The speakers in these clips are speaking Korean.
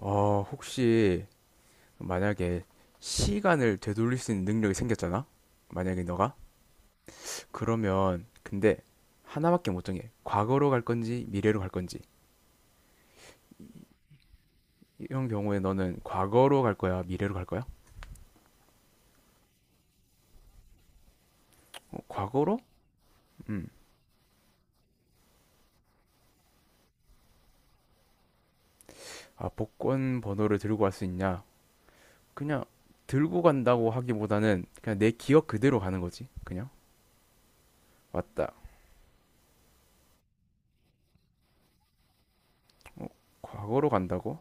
혹시 만약에 시간을 되돌릴 수 있는 능력이 생겼잖아? 만약에 너가? 그러면 근데 하나밖에 못 정해. 과거로 갈 건지 미래로 갈 건지. 이런 경우에 너는 과거로 갈 거야, 미래로 갈 거야? 어, 과거로? 음. 아, 복권 번호를 들고 갈 수 있냐? 그냥 들고 간다고 하기보다는 그냥 내 기억 그대로 가는 거지. 그냥. 맞다. 과거로 간다고?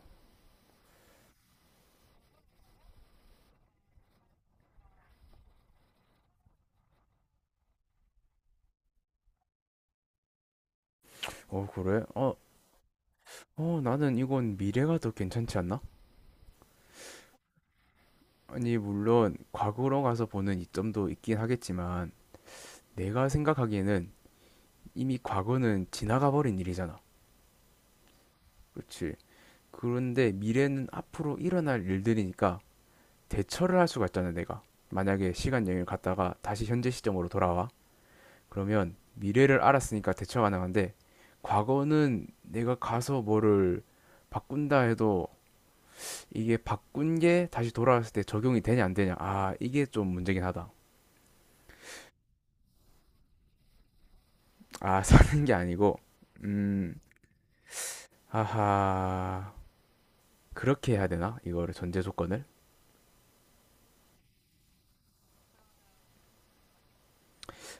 어, 그래? 나는 이건 미래가 더 괜찮지 않나? 아니, 물론 과거로 가서 보는 이점도 있긴 하겠지만 내가 생각하기에는 이미 과거는 지나가 버린 일이잖아. 그렇지. 그런데 미래는 앞으로 일어날 일들이니까 대처를 할 수가 있잖아, 내가. 만약에 시간 여행을 갔다가 다시 현재 시점으로 돌아와. 그러면 미래를 알았으니까 대처 가능한데 과거는 내가 가서 뭐를 바꾼다 해도 이게 바꾼 게 다시 돌아왔을 때 적용이 되냐 안 되냐. 아, 이게 좀 문제긴 하다. 아, 사는 게 아니고, 음, 하하, 그렇게 해야 되나? 이거를 전제 조건을?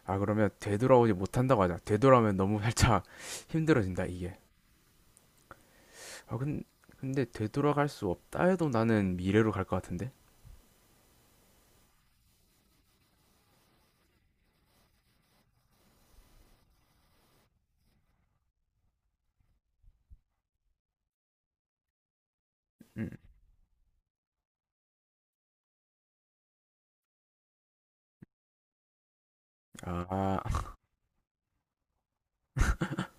아, 그러면 되돌아오지 못한다고 하자. 되돌아오면 너무 살짝 힘들어진다, 이게. 아, 근, 근데 되돌아갈 수 없다 해도 나는 미래로 갈 것 같은데? 음, 아, 아,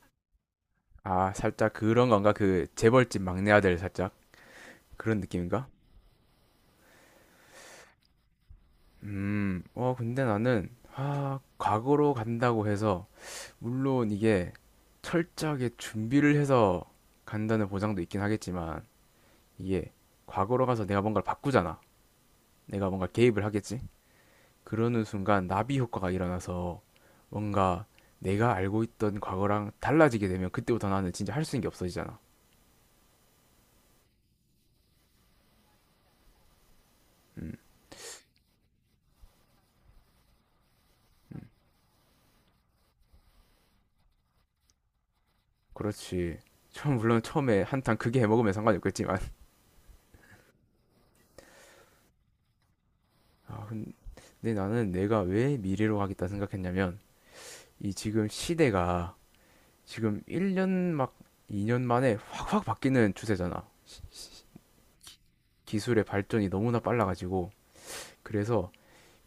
아, 살짝 그런 건가? 그 재벌집 막내 아들 살짝 그런 느낌인가? 어, 근데 나는, 아, 과거로 간다고 해서 물론 이게 철저하게 준비를 해서 간다는 보장도 있긴 하겠지만 이게 과거로 가서 내가 뭔가를 바꾸잖아. 내가 뭔가 개입을 하겠지. 그러는 순간 나비 효과가 일어나서 뭔가 내가 알고 있던 과거랑 달라지게 되면 그때부터 나는 진짜 할 수 있는 게 없어지잖아. 음, 그렇지. 처음 물론 처음에 한탕 크게 해먹으면 상관이 없겠지만. 아, 근데 나는 내가 왜 미래로 가겠다 생각했냐면 이 지금 시대가 지금 1년 막 2년 만에 확확 바뀌는 추세잖아. 기술의 발전이 너무나 빨라가지고. 그래서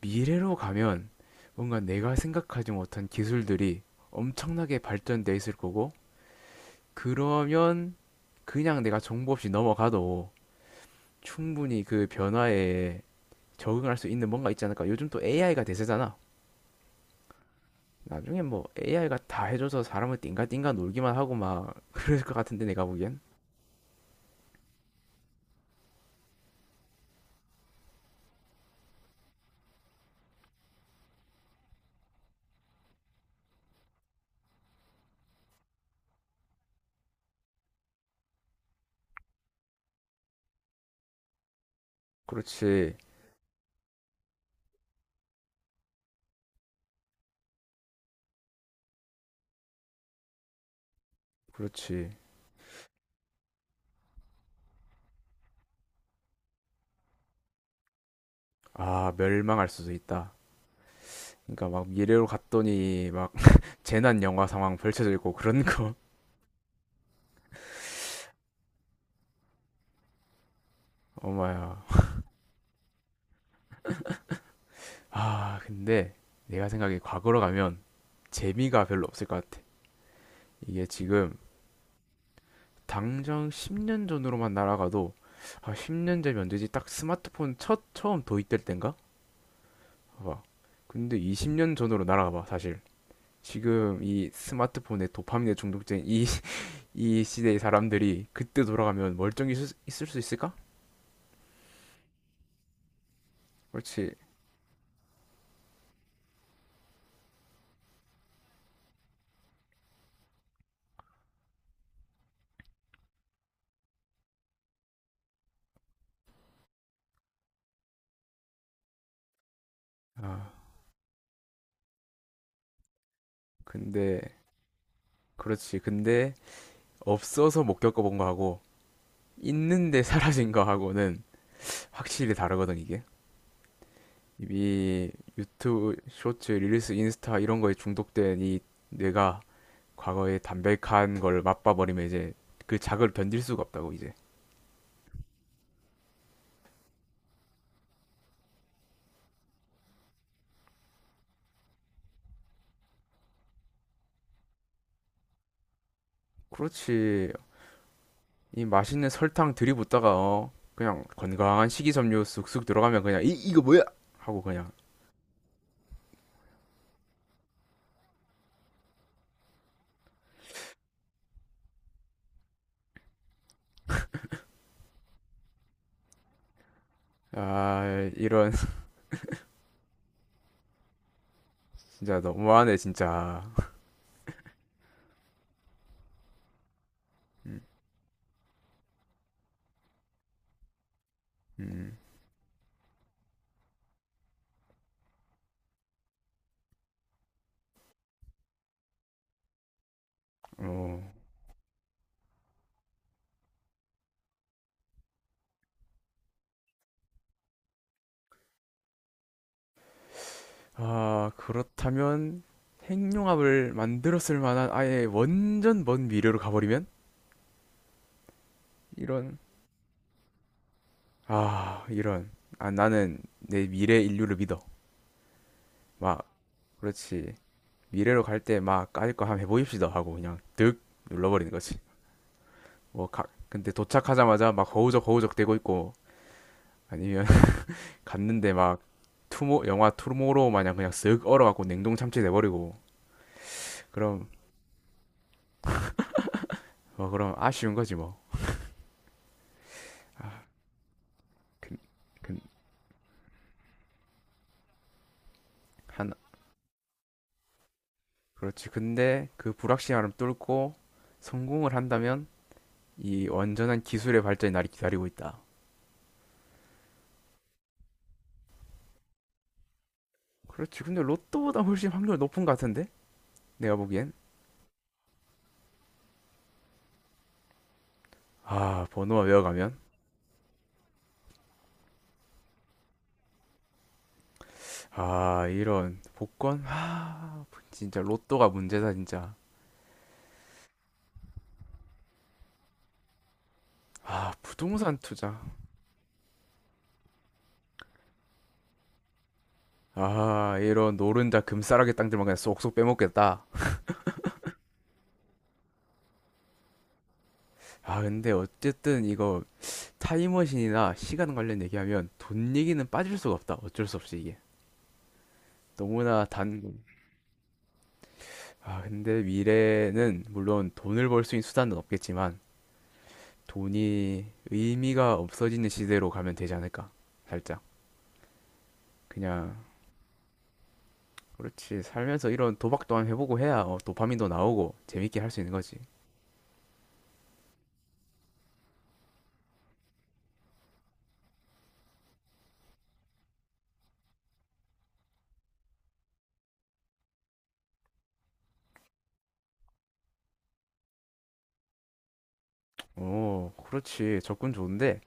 미래로 가면 뭔가 내가 생각하지 못한 기술들이 엄청나게 발전돼 있을 거고, 그러면 그냥 내가 정보 없이 넘어가도 충분히 그 변화에 적응할 수 있는 뭔가 있지 않을까. 요즘 또 AI가 대세잖아. 나중에 뭐 AI가 다 해줘서 사람을 띵가띵가 놀기만 하고 막 그럴 것 같은데 내가 보기엔. 그렇지, 그렇지. 아, 멸망할 수도 있다. 그러니까 막 미래로 갔더니 막 재난 영화 상황 펼쳐져 있고 그런 거. 엄마야. 아, 근데 내가 생각에 과거로 가면 재미가 별로 없을 것 같아. 이게 지금 당장 10년 전으로만 날아가도 아, 10년 전이 언제지? 딱 스마트폰 첫 처음 도입될 땐가? 봐봐. 근데 20년 전으로 날아가봐, 사실. 지금 이 스마트폰에 도파민에 중독된 이, 이 시대의 사람들이 그때 돌아가면 멀쩡히 있을 수 있을까? 그렇지. 아, 근데 그렇지. 근데 없어서 못 겪어본 거하고 있는데 사라진 거하고는 확실히 다르거든 이게. 이 유튜브 쇼츠, 릴리스, 인스타 이런 거에 중독된 이 뇌가 과거에 담백한 걸 맛봐버리면 이제 그 자극을 견딜 수가 없다고 이제. 그렇지. 이 맛있는 설탕 들이붓다가 어, 그냥 건강한 식이섬유 쑥쑥 들어가면 그냥 이 이거 뭐야 하고 그냥 아 이런 진짜 너무하네 진짜. 음. 음. 어, 아, 그렇다면 핵융합을 만들었을 만한 아예 완전 먼 미래로 가버리면? 이런, 아, 이런. 아, 나는 내 미래 인류를 믿어. 막, 그렇지. 미래로 갈 때 막 까짓 거 한번 해보입시다 하고 그냥 득 눌러버리는 거지. 근데 도착하자마자 막 허우적 허우적 대고 있고 아니면 갔는데 막 영화 투모로우 마냥 그냥 쓱 얼어갖고 냉동 참치 돼버리고 그럼, 뭐, 그럼 아쉬운 거지 뭐. 아... 근, 근, 한, 그렇지. 근데 그 불확실함을 뚫고 성공을 한다면 이 완전한 기술의 발전이 나를 기다리고 있다. 그렇지. 근데 로또보다 훨씬 확률 높은 것 같은데? 내가 보기엔. 아, 번호가 외워가면. 아, 이런 복권. 아, 진짜 로또가 문제다, 진짜. 아, 부동산 투자. 아, 이런 노른자 금싸라기 땅들만 그냥 쏙쏙 빼먹겠다. 아, 근데 어쨌든 이거 타임머신이나 시간 관련 얘기하면 돈 얘기는 빠질 수가 없다. 어쩔 수 없이 이게. 너무나 단 아, 근데 미래는 물론 돈을 벌 수 있는 수단은 없겠지만 돈이 의미가 없어지는 시대로 가면 되지 않을까? 살짝. 그냥 그렇지. 살면서 이런 도박 또한 해보고 해야 어, 도파민도 나오고 재밌게 할 수 있는 거지. 오, 그렇지. 접근 좋은데.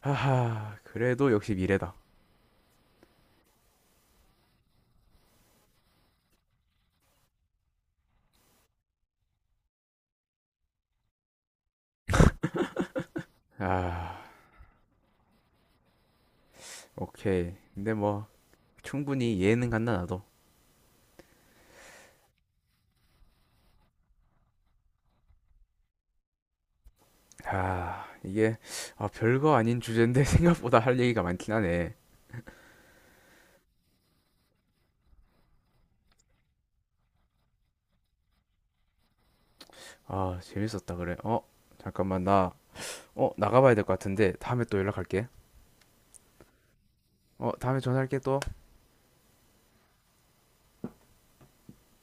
하하, 그래도 역시 미래다. 아, 오케이. 근데 뭐 충분히 이해는 간다 나도. 아, 이게 아, 별거 아닌 주제인데 생각보다 할 얘기가 많긴 하네. 아, 재밌었다 그래. 어, 잠깐만 나 어, 나가봐야 될 것 같은데 다음에 또 연락할게. 어, 다음에 전화할게 또.